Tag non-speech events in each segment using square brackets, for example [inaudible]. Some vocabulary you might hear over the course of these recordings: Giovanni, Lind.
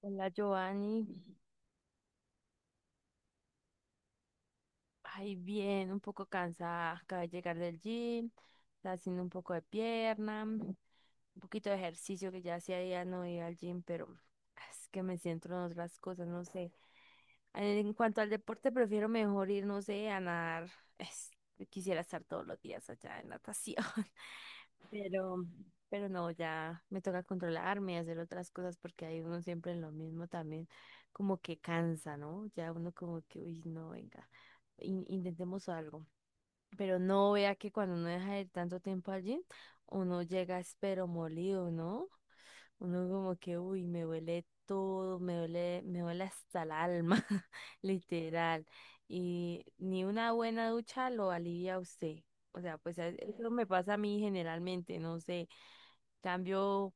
Hola, Giovanni. Ay, bien, un poco cansada. Acabo de llegar del gym, está haciendo un poco de pierna, un poquito de ejercicio que ya hacía días no iba al gym, pero es que me centro en otras cosas, no sé. En cuanto al deporte, prefiero mejor ir, no sé, a nadar. Es- Quisiera estar todos los días allá en natación, [laughs] pero, pero no, ya me toca controlarme y hacer otras cosas porque hay uno siempre en lo mismo también, como que cansa, ¿no? Ya uno como que, uy, no, venga intentemos algo. Pero no vea que cuando uno deja de ir tanto tiempo allí, uno llega espero molido, ¿no? Uno como que, uy, me duele todo, me duele hasta el alma, [laughs] literal. Y ni una buena ducha lo alivia a usted. O sea, pues eso me pasa a mí generalmente, no sé. Cambio,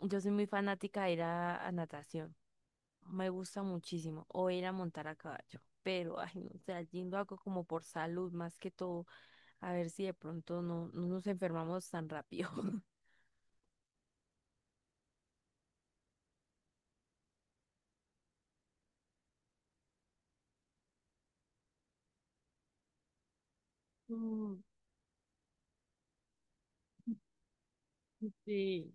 yo soy muy fanática de ir a natación. Me gusta muchísimo. O ir a montar a caballo. Pero, ay, no sé, allí lo hago como por salud más que todo. A ver si de pronto no, no nos enfermamos tan rápido. [laughs] Mm. Sí.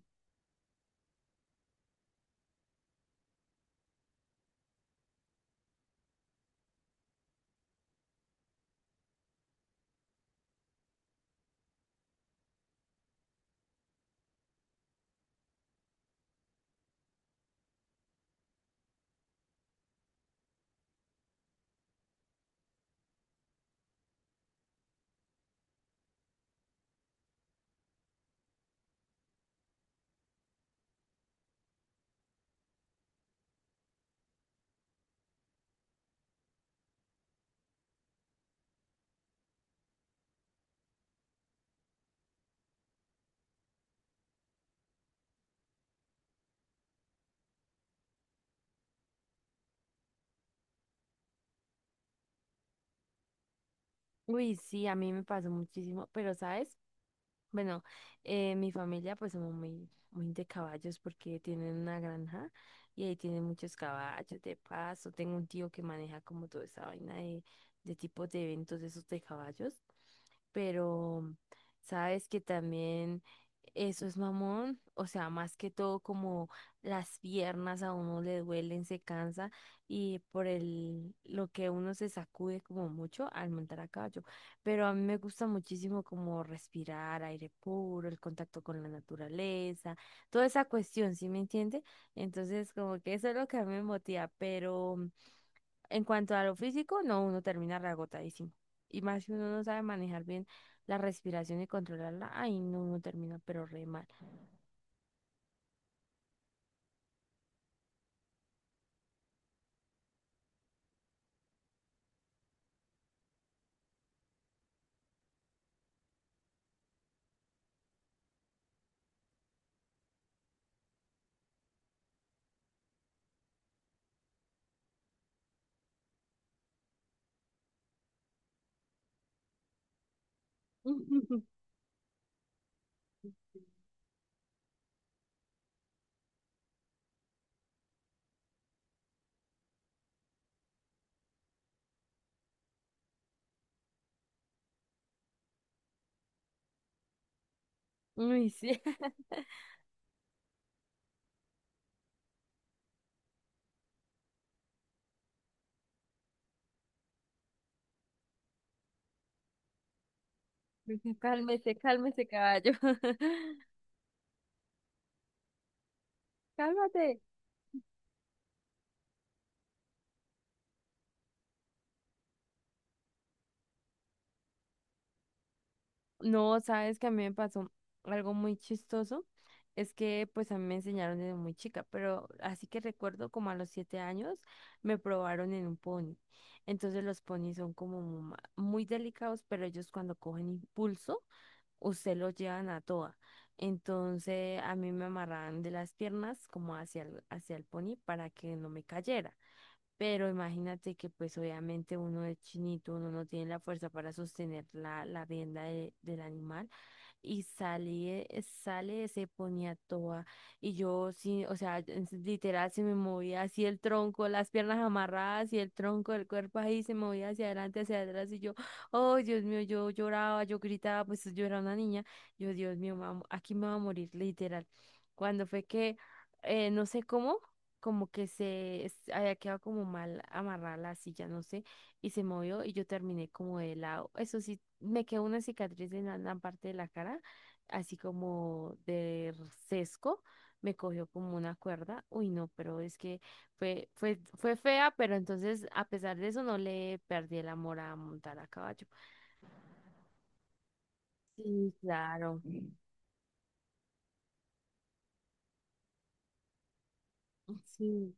Uy, sí, a mí me pasó muchísimo. Pero, ¿sabes? Bueno, mi familia pues somos muy, muy de caballos porque tienen una granja y ahí tienen muchos caballos de paso. Tengo un tío que maneja como toda esa vaina de tipos de eventos de esos de caballos. Pero sabes que también eso es mamón, o sea, más que todo como las piernas a uno le duelen, se cansa y por el lo que uno se sacude como mucho al montar a caballo, pero a mí me gusta muchísimo como respirar aire puro, el contacto con la naturaleza, toda esa cuestión, ¿sí me entiende? Entonces, como que eso es lo que a mí me motiva, pero en cuanto a lo físico, no, uno termina reagotadísimo. Y más si uno no sabe manejar bien la respiración y controlarla, ay, no, uno termina pero re mal. [laughs] Uy, sí. [laughs] Cálmese, cálmese, caballo. [laughs] Cálmate. No, sabes que a mí me pasó algo muy chistoso. Es que pues a mí me enseñaron desde muy chica, pero así que recuerdo como a los siete años me probaron en un pony. Entonces los ponis son como muy delicados, pero ellos cuando cogen impulso, usted los llevan a toa. Entonces a mí me amarraban de las piernas como hacia el pony para que no me cayera. Pero imagínate que pues obviamente uno es chinito, uno no tiene la fuerza para sostener la, la rienda del animal y salí, sale, se ponía toda. Y yo sí, o sea, literal se me movía así el tronco, las piernas amarradas y el tronco del cuerpo ahí se movía hacia adelante, hacia atrás. Y yo, oh Dios mío, yo lloraba, yo gritaba, pues yo era una niña. Yo, Dios mío, me va a aquí me va a morir, literal. Cuando fue que, no sé cómo, como que se había quedado como mal amarrada la silla, no sé, y se movió y yo terminé como de lado. Eso sí, me quedó una cicatriz en la, la parte de la cara, así como de sesgo. Me cogió como una cuerda. Uy, no, pero es que fue, fue, fue fea, pero entonces a pesar de eso no le perdí el amor a montar a caballo. Sí, claro. Sí.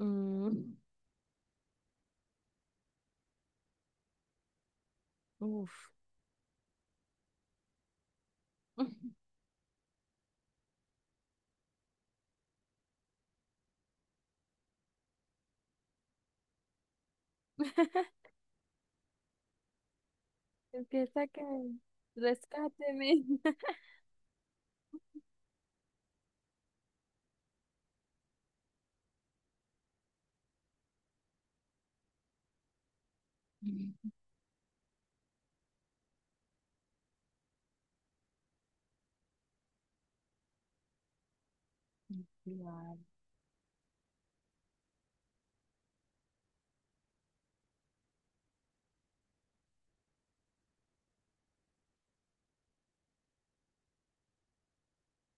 Mm. Uf. [laughs] Es que saca, rescáteme. Claro.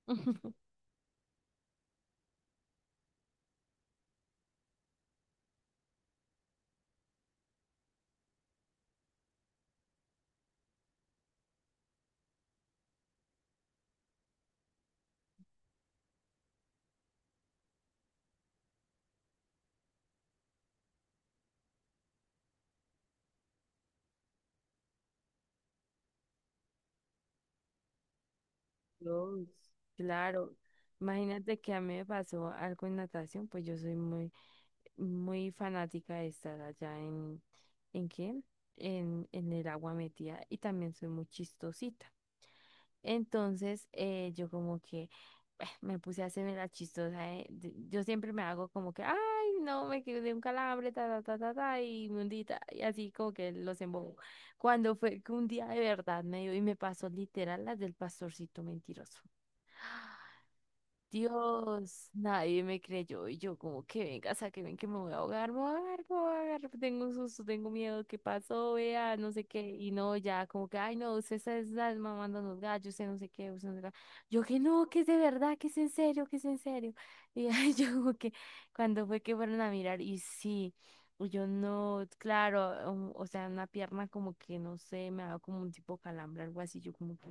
[laughs] Dios, claro. Imagínate que a mí me pasó algo en natación, pues yo soy muy, muy fanática de estar allá ¿en qué? En el agua metida y también soy muy chistosita. Entonces, yo como que me puse a hacerme la chistosa. Yo siempre me hago como que, ay, no, me quedé un calambre, ta, ta, ta, ta, ta, y me hundí, ta", y así como que los embobo. Cuando fue que un día de verdad me dio y me pasó literal las del pastorcito mentiroso. Dios, nadie me creyó y yo como que venga, saquen que me voy a ahogar, me voy a ahogar, me voy a ahogar, tengo un susto, tengo miedo, ¿qué pasó? Vea, no sé qué, y no, ya como que, ay no, usted se está mamando los gallos, usted no sé qué, usted no sé qué. Yo que no, que es de verdad, que es en serio, que es en serio. Y ay, [laughs] yo como que cuando fue que fueron a mirar y sí, y yo no, claro, o sea, una pierna como que no sé, me daba como un tipo calambre, algo así, yo como que...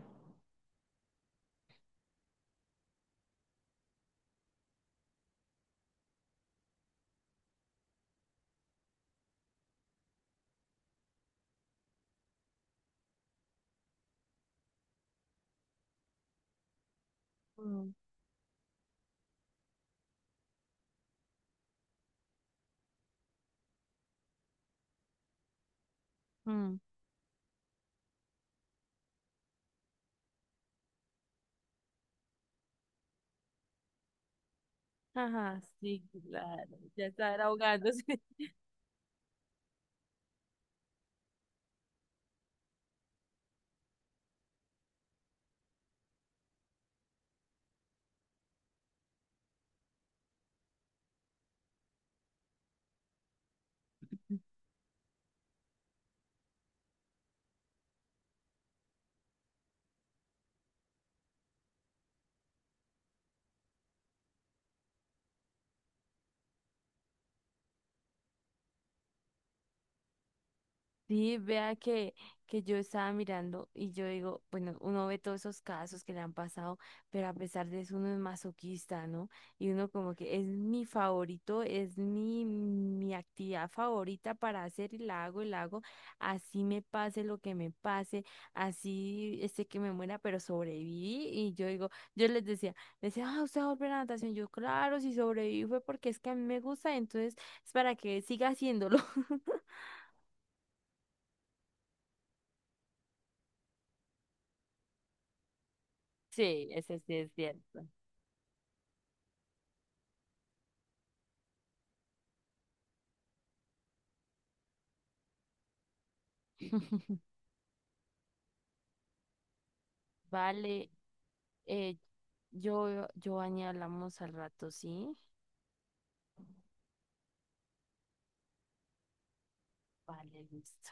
Mm, mm. Ajá, sí, claro, ya estar ahogándose. [laughs] Sí, vea que yo estaba mirando y yo digo, bueno, uno ve todos esos casos que le han pasado, pero a pesar de eso uno es masoquista, ¿no? Y uno como que es mi favorito, es mi, mi actividad favorita para hacer y la hago, así me pase lo que me pase, así este que me muera, pero sobreviví. Y yo digo, yo les decía, ah, usted va a volver a la natación. Yo, claro, si sobreviví fue porque es que a mí me gusta, entonces es para que siga haciéndolo. [laughs] Sí, ese sí es cierto. [laughs] Vale, eh, yo, Giovanni, hablamos al rato, ¿sí? Vale, listo.